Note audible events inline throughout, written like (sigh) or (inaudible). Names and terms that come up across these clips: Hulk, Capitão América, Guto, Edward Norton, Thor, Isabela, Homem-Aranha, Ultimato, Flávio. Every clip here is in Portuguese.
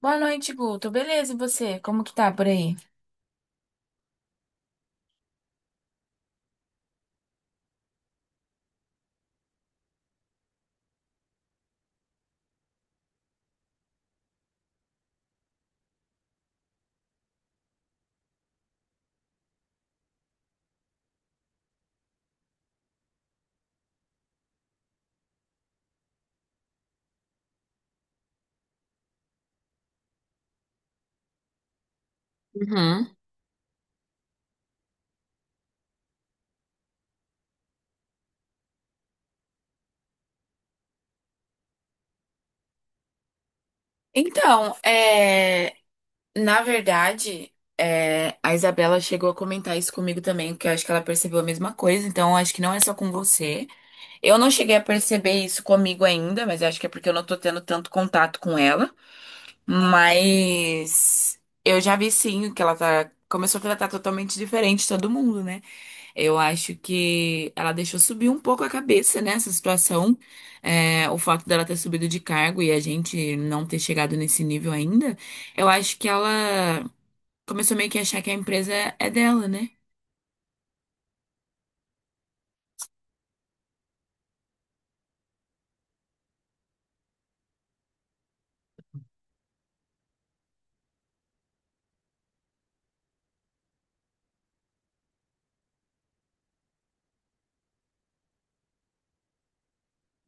Boa noite, Guto. Beleza, e você? Como que tá por aí? Uhum. Então, é, na verdade, a Isabela chegou a comentar isso comigo também, porque eu acho que ela percebeu a mesma coisa, então eu acho que não é só com você. Eu não cheguei a perceber isso comigo ainda, mas eu acho que é porque eu não tô tendo tanto contato com ela. Mas eu já vi sim que ela tá, começou a tratar totalmente diferente todo mundo, né? Eu acho que ela deixou subir um pouco a cabeça nessa situação. É, o fato dela ter subido de cargo e a gente não ter chegado nesse nível ainda, eu acho que ela começou meio que a achar que a empresa é dela, né?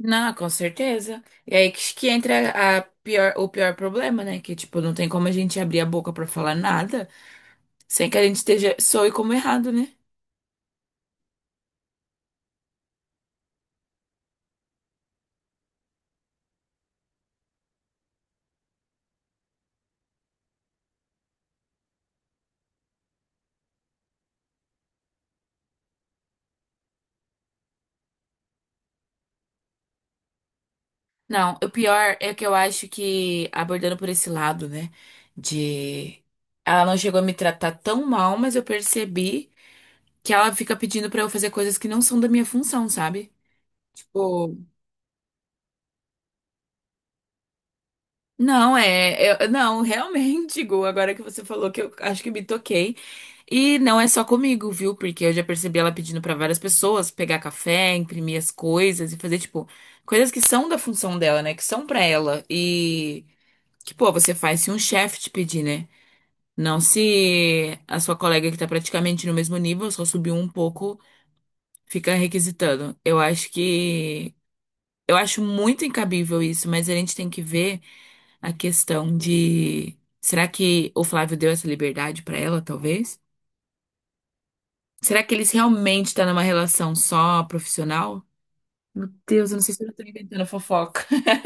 Não, com certeza. E aí que entra a pior, o pior problema, né? Que, tipo, não tem como a gente abrir a boca pra falar nada sem que a gente esteja, soe como errado, né? Não, o pior é que eu acho que, abordando por esse lado, né, de. Ela não chegou a me tratar tão mal, mas eu percebi que ela fica pedindo pra eu fazer coisas que não são da minha função, sabe? Tipo, não, é. Eu- não, (laughs) realmente, Gu, agora que você falou que eu acho que me toquei. E não é só comigo, viu? Porque eu já percebi ela pedindo pra várias pessoas pegar café, imprimir as coisas e fazer, tipo, coisas que são da função dela, né, que são pra ela. E. Que, pô, você faz se um chefe te pedir, né? Não se a sua colega que está praticamente no mesmo nível, só subiu um pouco, fica requisitando. Eu acho que. Eu acho muito incabível isso, mas a gente tem que ver a questão de. Será que o Flávio deu essa liberdade para ela, talvez? Será que eles realmente estão numa relação só profissional? Meu Deus, eu não sei se eu tô inventando fofoca. (laughs)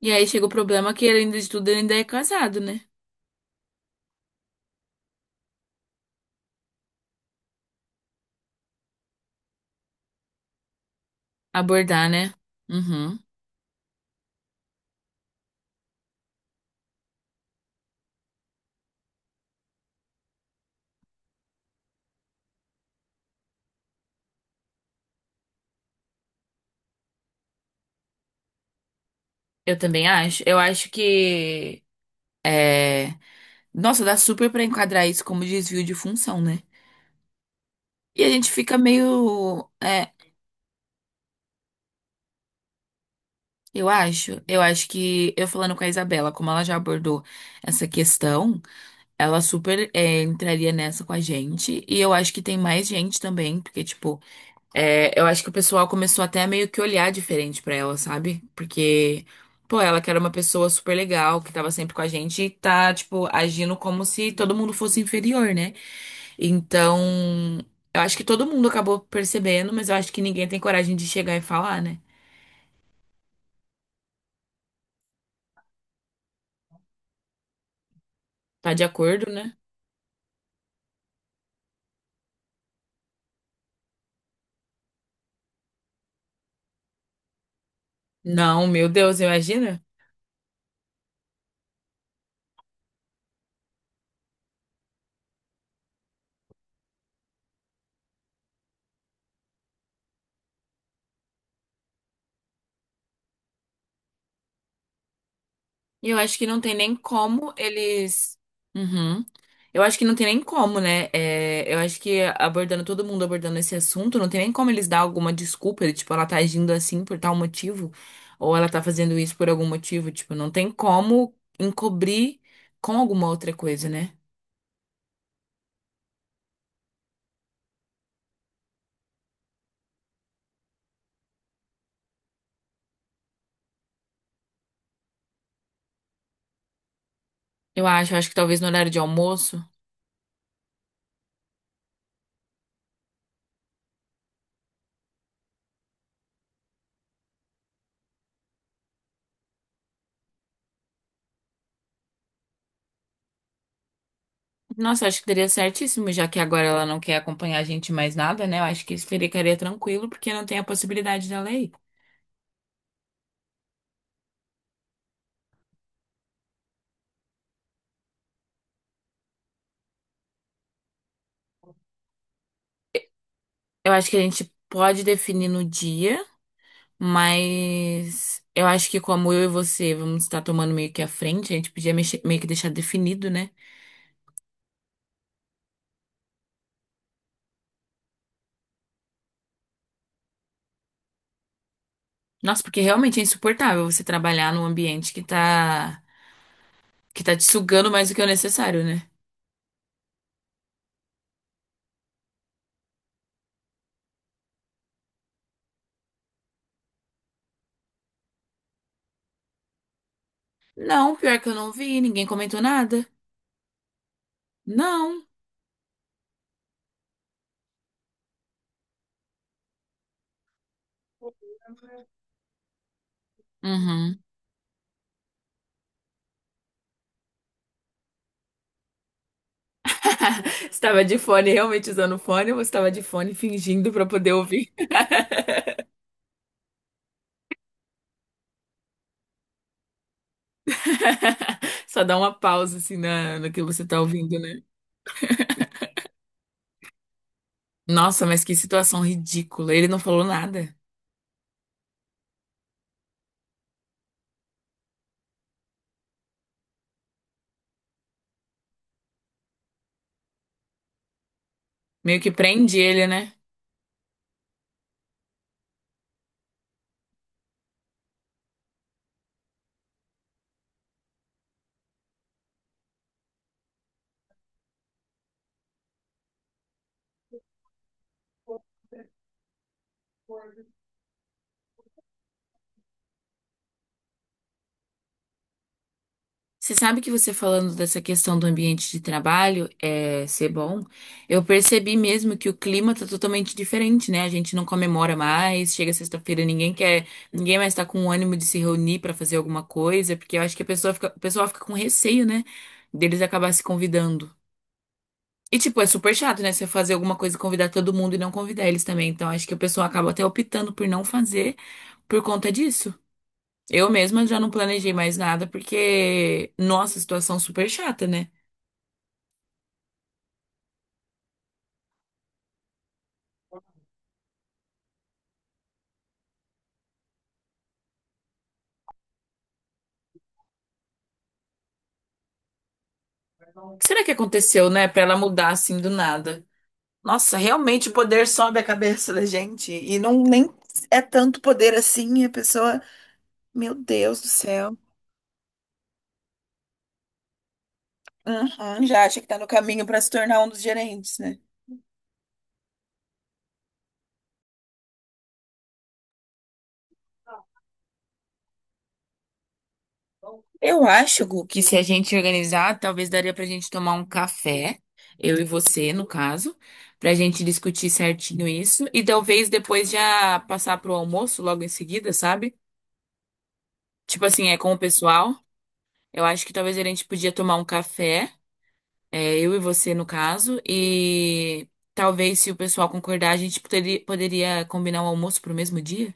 E aí chega o problema que, além de tudo, ele ainda é casado, né? Abordar, né? Uhum. Eu também acho. Eu acho que. É. Nossa, dá super pra enquadrar isso como desvio de função, né? E a gente fica meio, eu acho que eu falando com a Isabela, como ela já abordou essa questão, ela super entraria nessa com a gente. E eu acho que tem mais gente também, porque tipo, eu acho que o pessoal começou até a meio que olhar diferente pra ela, sabe? Porque pô, ela que era uma pessoa super legal, que tava sempre com a gente, e tá, tipo, agindo como se todo mundo fosse inferior, né? Então, eu acho que todo mundo acabou percebendo, mas eu acho que ninguém tem coragem de chegar e falar, né? Tá de acordo, né? Não, meu Deus, imagina? E eu acho que não tem nem como eles. Uhum. Eu acho que não tem nem como, né? É, eu acho que abordando todo mundo abordando esse assunto, não tem nem como eles dar alguma desculpa, ele, tipo, ela tá agindo assim por tal motivo, ou ela tá fazendo isso por algum motivo, tipo, não tem como encobrir com alguma outra coisa, né? Eu acho que talvez no horário de almoço. Nossa, acho que daria certíssimo, já que agora ela não quer acompanhar a gente em mais nada, né? Eu acho que isso ficaria tranquilo, porque não tem a possibilidade dela ir. Eu acho que a gente pode definir no dia, mas eu acho que como eu e você vamos estar tomando meio que à frente, a gente podia meio que deixar definido, né? Nossa, porque realmente é insuportável você trabalhar num ambiente que tá te sugando mais do que o necessário, né? Não, pior que eu não vi, ninguém comentou nada. Não. Uhum. (laughs) Estava de fone, realmente usando fone, ou você estava de fone fingindo para poder ouvir? (laughs) Só dá uma pausa assim na, no que você tá ouvindo, né? Nossa, mas que situação ridícula. Ele não falou nada. Meio que prende ele, né? Você sabe que você falando dessa questão do ambiente de trabalho ser bom, eu percebi mesmo que o clima tá totalmente diferente, né? A gente não comemora mais, chega sexta-feira, ninguém quer, ninguém mais tá com ânimo de se reunir pra fazer alguma coisa, porque eu acho que a pessoa fica, o pessoal fica com receio, né? Deles acabar se convidando. E, tipo, é super chato, né? Você fazer alguma coisa, e convidar todo mundo e não convidar eles também. Então, acho que a pessoa acaba até optando por não fazer por conta disso. Eu mesma já não planejei mais nada porque, nossa, situação super chata, né? O que será que aconteceu, né, pra ela mudar assim do nada? Nossa, realmente o poder sobe a cabeça da gente. E não nem é tanto poder assim, e a pessoa, meu Deus do céu. Uhum, já acha que tá no caminho pra se tornar um dos gerentes, né? Eu acho, Gu, que se a gente organizar, talvez daria pra gente tomar um café, eu e você, no caso, pra gente discutir certinho isso e talvez depois já passar pro almoço logo em seguida, sabe? Tipo assim, é com o pessoal. Eu acho que talvez a gente podia tomar um café, eu e você, no caso, e talvez se o pessoal concordar, a gente poderia combinar o almoço pro mesmo dia.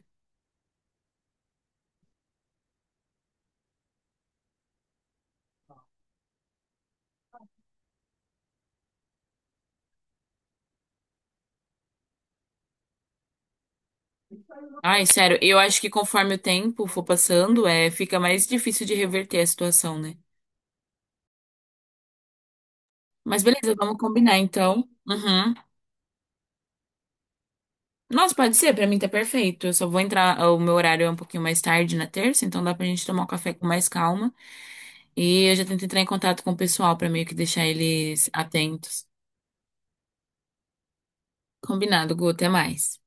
Ai, sério, eu acho que conforme o tempo for passando, fica mais difícil de reverter a situação, né? Mas beleza, vamos combinar então. Uhum. Nossa, pode ser, pra mim tá perfeito. Eu só vou entrar, ah, o meu horário é um pouquinho mais tarde na terça, então dá pra gente tomar um café com mais calma. E eu já tento entrar em contato com o pessoal pra meio que deixar eles atentos. Combinado, Gu, até mais.